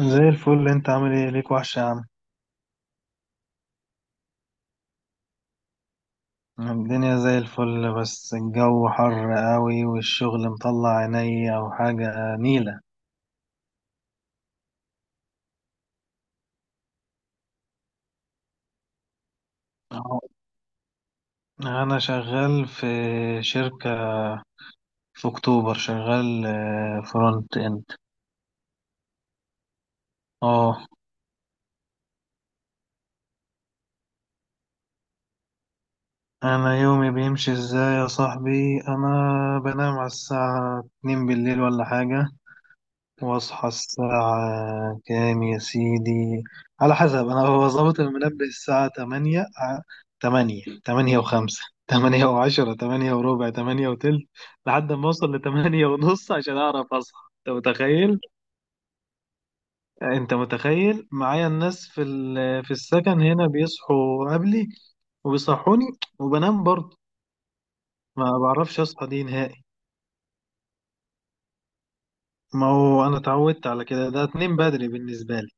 زي الفل انت عامل ايه ليك وحش يا عم. الدنيا زي الفل، بس الجو حر قوي والشغل مطلع عينيا وحاجة نيلة. اهو. انا شغال في شركة في اكتوبر، شغال فرونت اند. اه. انا يومي بيمشي ازاي يا صاحبي؟ انا بنام على الساعة 2 بالليل ولا حاجة، واصحى الساعة كام يا سيدي؟ على حسب، انا هو ظابط المنبه الساعة 8، تمانية، 8:05، 8:10، 8:15، 8:20، لحد ما اوصل لـ 8:30 عشان اعرف اصحى. انت متخيل؟ انت متخيل معايا الناس في السكن هنا بيصحوا قبلي وبيصحوني، وبنام برضه. ما بعرفش اصحى دي نهائي. ما هو انا اتعودت على كده، ده اتنين بدري بالنسبة لي.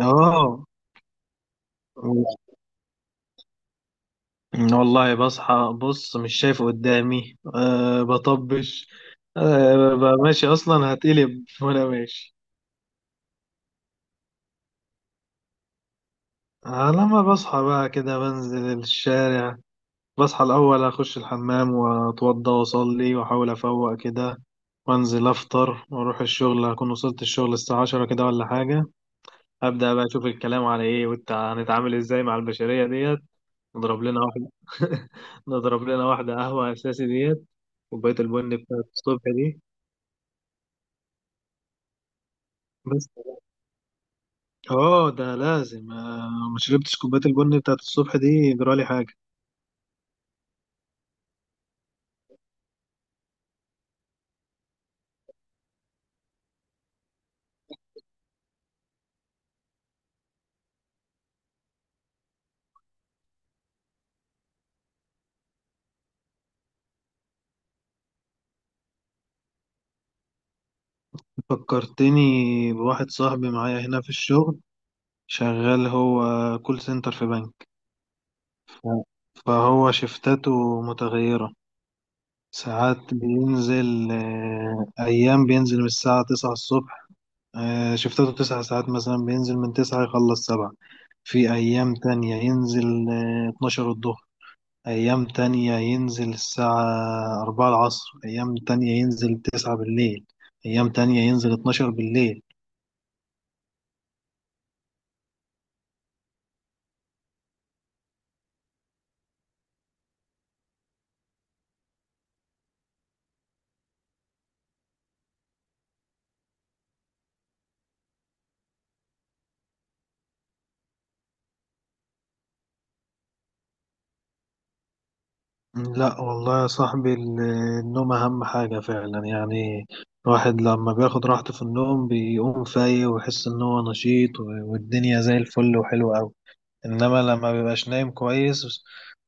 اه، والله بصحى، بص مش شايف قدامي. بطبش، ببقى ماشي، أصلا هتقلب وأنا ماشي. لما بصحى بقى كده بنزل الشارع. بصحى الأول أخش الحمام وأتوضى وأصلي وأحاول أفوق كده، وأنزل أفطر وأروح الشغل. أكون وصلت الشغل الساعة 10 كده ولا حاجة. أبدأ بقى أشوف الكلام على إيه، وإنت هنتعامل إزاي مع البشرية ديت. نضرب لنا واحدة، نضرب لنا واحدة قهوة أساسي ديت، كوباية البن بتاعت الصبح. بس اه، ده لازم. ما شربتش كوباية البن بتاعت الصبح دي جرالي حاجة. فكرتني بواحد صاحبي معايا هنا في الشغل، شغال هو كول سنتر في بنك. ف- فهو شفتاته متغيرة. ساعات بينزل، أيام بينزل من الساعة 9 الصبح. شفتاته 9 ساعات مثلا، بينزل من 9 يخلص 7. في أيام تانية ينزل 12 الظهر. أيام تانية ينزل الساعة 4 العصر، أيام تانية ينزل 9 بالليل، أيام تانية ينزل 12 بالليل. لا والله يا صاحبي، النوم أهم حاجة فعلا يعني. الواحد لما بياخد راحته في النوم بيقوم فايق ويحس إن هو نشيط والدنيا زي الفل وحلوة أوي. إنما لما بيبقاش نايم كويس،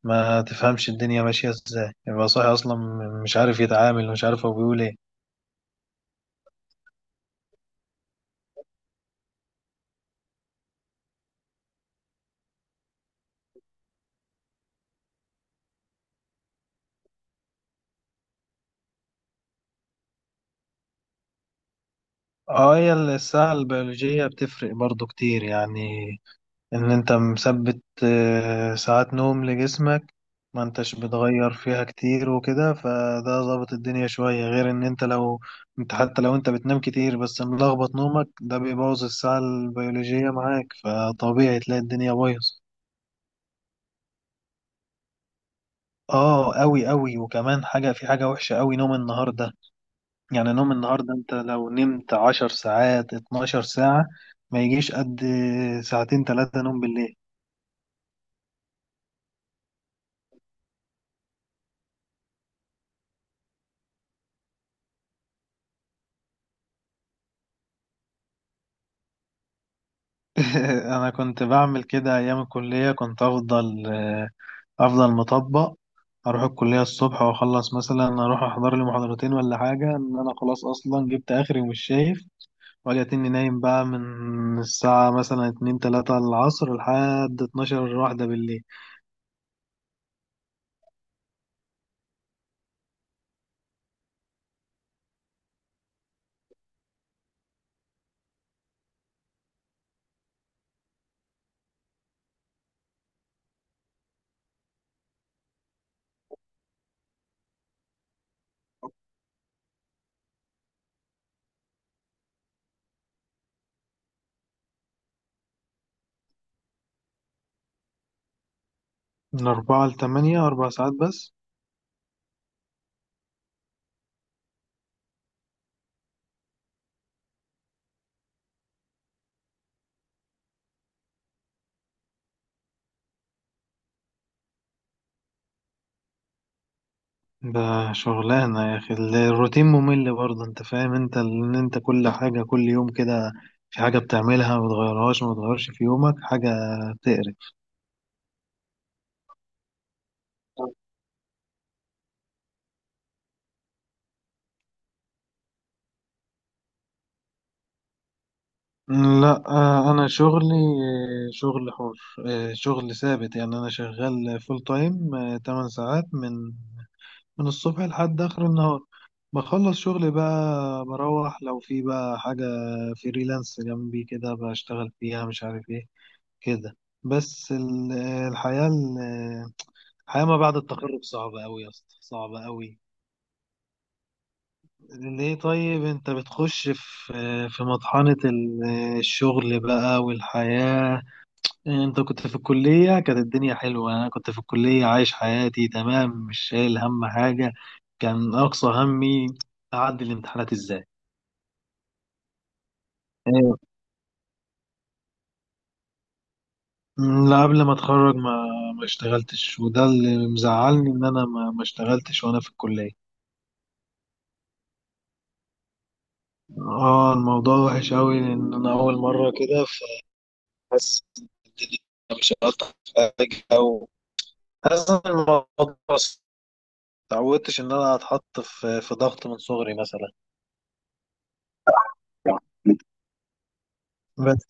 ما تفهمش الدنيا ماشية إزاي، يبقى صاحي أصلا مش عارف يتعامل ومش عارف هو بيقول إيه. اه، هي الساعة البيولوجية بتفرق برضو كتير يعني. ان انت مثبت ساعات نوم لجسمك، ما انتش بتغير فيها كتير وكده، فده ظابط الدنيا شوية. غير ان انت لو، انت حتى لو انت بتنام كتير بس ملخبط نومك، ده بيبوظ الساعة البيولوجية معاك، فطبيعي تلاقي الدنيا بايظ. اه اوي اوي، وكمان حاجة، في حاجة وحشة اوي، نوم النهاردة. يعني نوم النهاردة، انت لو نمت 10 ساعات 12 ساعة، ما يجيش قد ساعتين 3 نوم بالليل. انا كنت بعمل كده ايام الكلية. كنت افضل، افضل مطبق، اروح الكلية الصبح واخلص، مثلا اروح احضر لي محاضرتين ولا حاجة، ان انا خلاص اصلا جبت اخري ومش شايف، واجي اتني نايم بقى من الساعة مثلا 2-3 العصر لحد 12-1 بالليل. من 4 لـ 8، 4 ساعات بس؟ ده شغلانة يا أخي، الروتين ممل برضه. أنت فاهم أنت، إن أنت كل حاجة كل يوم كده، في حاجة بتعملها ما بتغيرهاش، ما بتغيرش في يومك حاجة، تقرف. لا أنا شغلي، شغل حر، شغل ثابت يعني، أنا شغال فول تايم 8 ساعات من الصبح لحد آخر النهار. بخلص شغلي بقى، بروح لو في بقى حاجة فريلانس جنبي كده بشتغل فيها، مش عارف إيه كده. بس الحياة ال- الحياة ما بعد التخرج صعبة أوي يا اسطى، صعبة أوي. ليه طيب؟ أنت بتخش في مطحنة الشغل بقى والحياة. أنت كنت في الكلية كانت الدنيا حلوة. أنا كنت في الكلية عايش حياتي تمام، مش شايل هم حاجة. كان أقصى همي أعدي الامتحانات إزاي. ايوه. أمم، لا قبل ما اتخرج، ما ما اشتغلتش، وده اللي مزعلني ان انا ما اشتغلتش وانا في الكليه. اه، الموضوع وحش قوي لان انا اول مره كده، فحاسس إن الدنيا، مش هقطع حاجه، او حاسس ان الموضوع بس، متعودتش ان انا اتحط في ضغط من صغري مثلا. بس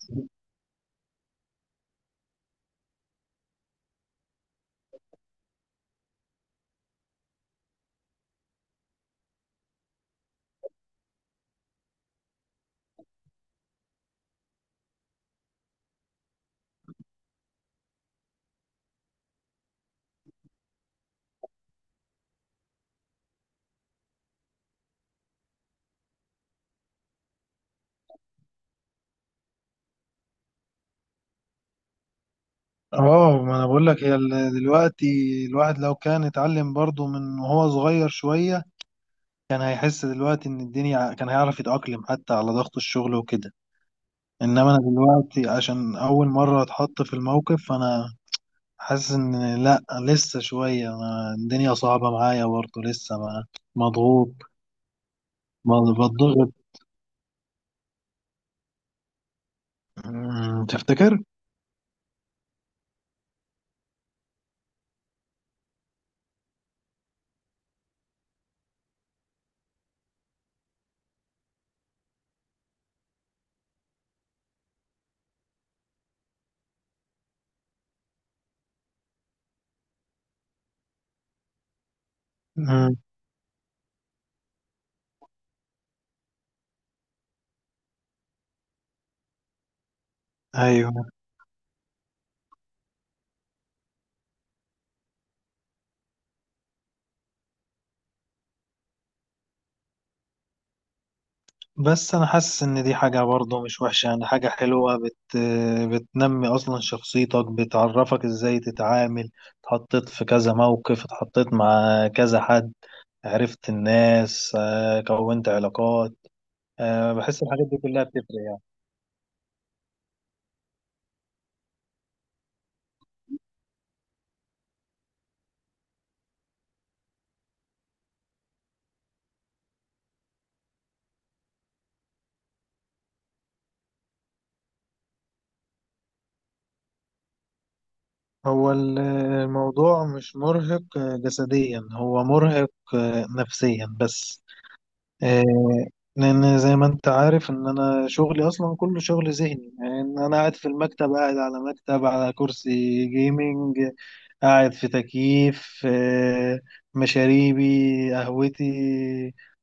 اه، ما انا بقول لك، هي دلوقتي الواحد لو كان اتعلم برضه من وهو صغير شويه، كان هيحس دلوقتي ان الدنيا، كان هيعرف يتأقلم حتى على ضغط الشغل وكده. انما انا دلوقتي عشان اول مره اتحط في الموقف، فانا حاسس ان لا لسه شويه. أنا الدنيا صعبه معايا برضه لسه، ما مضغوط، بتضغط. أمم، تفتكر؟ أمم. ايوه، بس انا حاسس ان دي حاجه برضه مش وحشه يعني. حاجه حلوه، بتنمي اصلا شخصيتك، بتعرفك ازاي تتعامل. اتحطيت في كذا موقف، اتحطيت مع كذا حد، عرفت الناس، كونت علاقات. بحس الحاجات دي كلها بتفرق يعني. هو الموضوع مش مرهق جسديا، هو مرهق نفسيا بس. آه، لأن زي ما أنت عارف إن أنا شغلي أصلا كله شغل ذهني. يعني إن أنا قاعد في المكتب، قاعد على مكتب، على كرسي جيمنج، قاعد في تكييف، مشاريبي، قهوتي،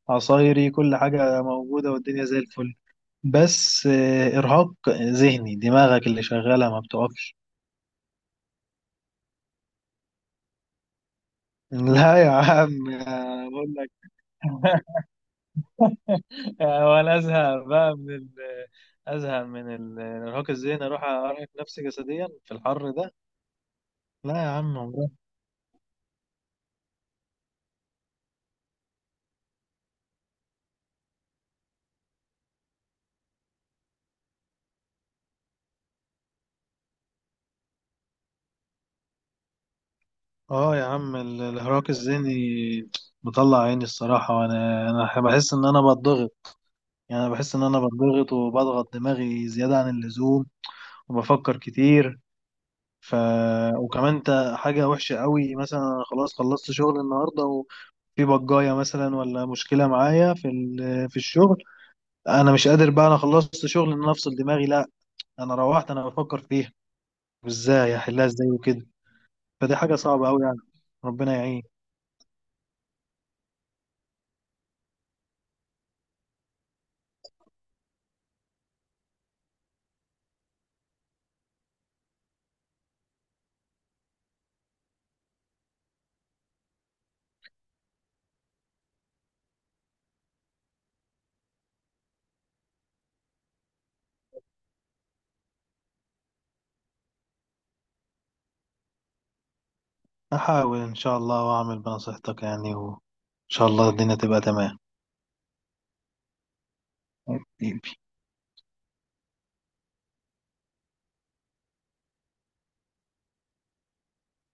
عصايري، كل حاجة موجودة والدنيا زي الفل. بس إرهاق ذهني، دماغك اللي شغالة ما بتقفش. لا يا عم، بقول لك. ولا ازهق من الارهاق الذهني، اروح ارهق نفسي جسديا في الحر ده. لا يا عم عمره. اه يا عم، الارهاق الذهني مطلع عيني الصراحه، وانا بحس ان انا بضغط. يعني أنا بحس ان انا بضغط وبضغط دماغي زياده عن اللزوم، وبفكر كتير. ف وكمان انت، حاجه وحشه قوي، مثلا أنا خلاص خلصت شغل النهارده، في بجايه مثلا ولا مشكله معايا في الشغل. انا مش قادر بقى، انا خلصت شغل ان أنا افصل دماغي، لا، انا روحت انا بفكر فيها، وازاي احلها ازاي وكده. فدي حاجه صعبه قوي يعني. ربنا يعين. احاول ان شاء الله واعمل بنصيحتك يعني، وان شاء الله الدنيا تبقى تمام.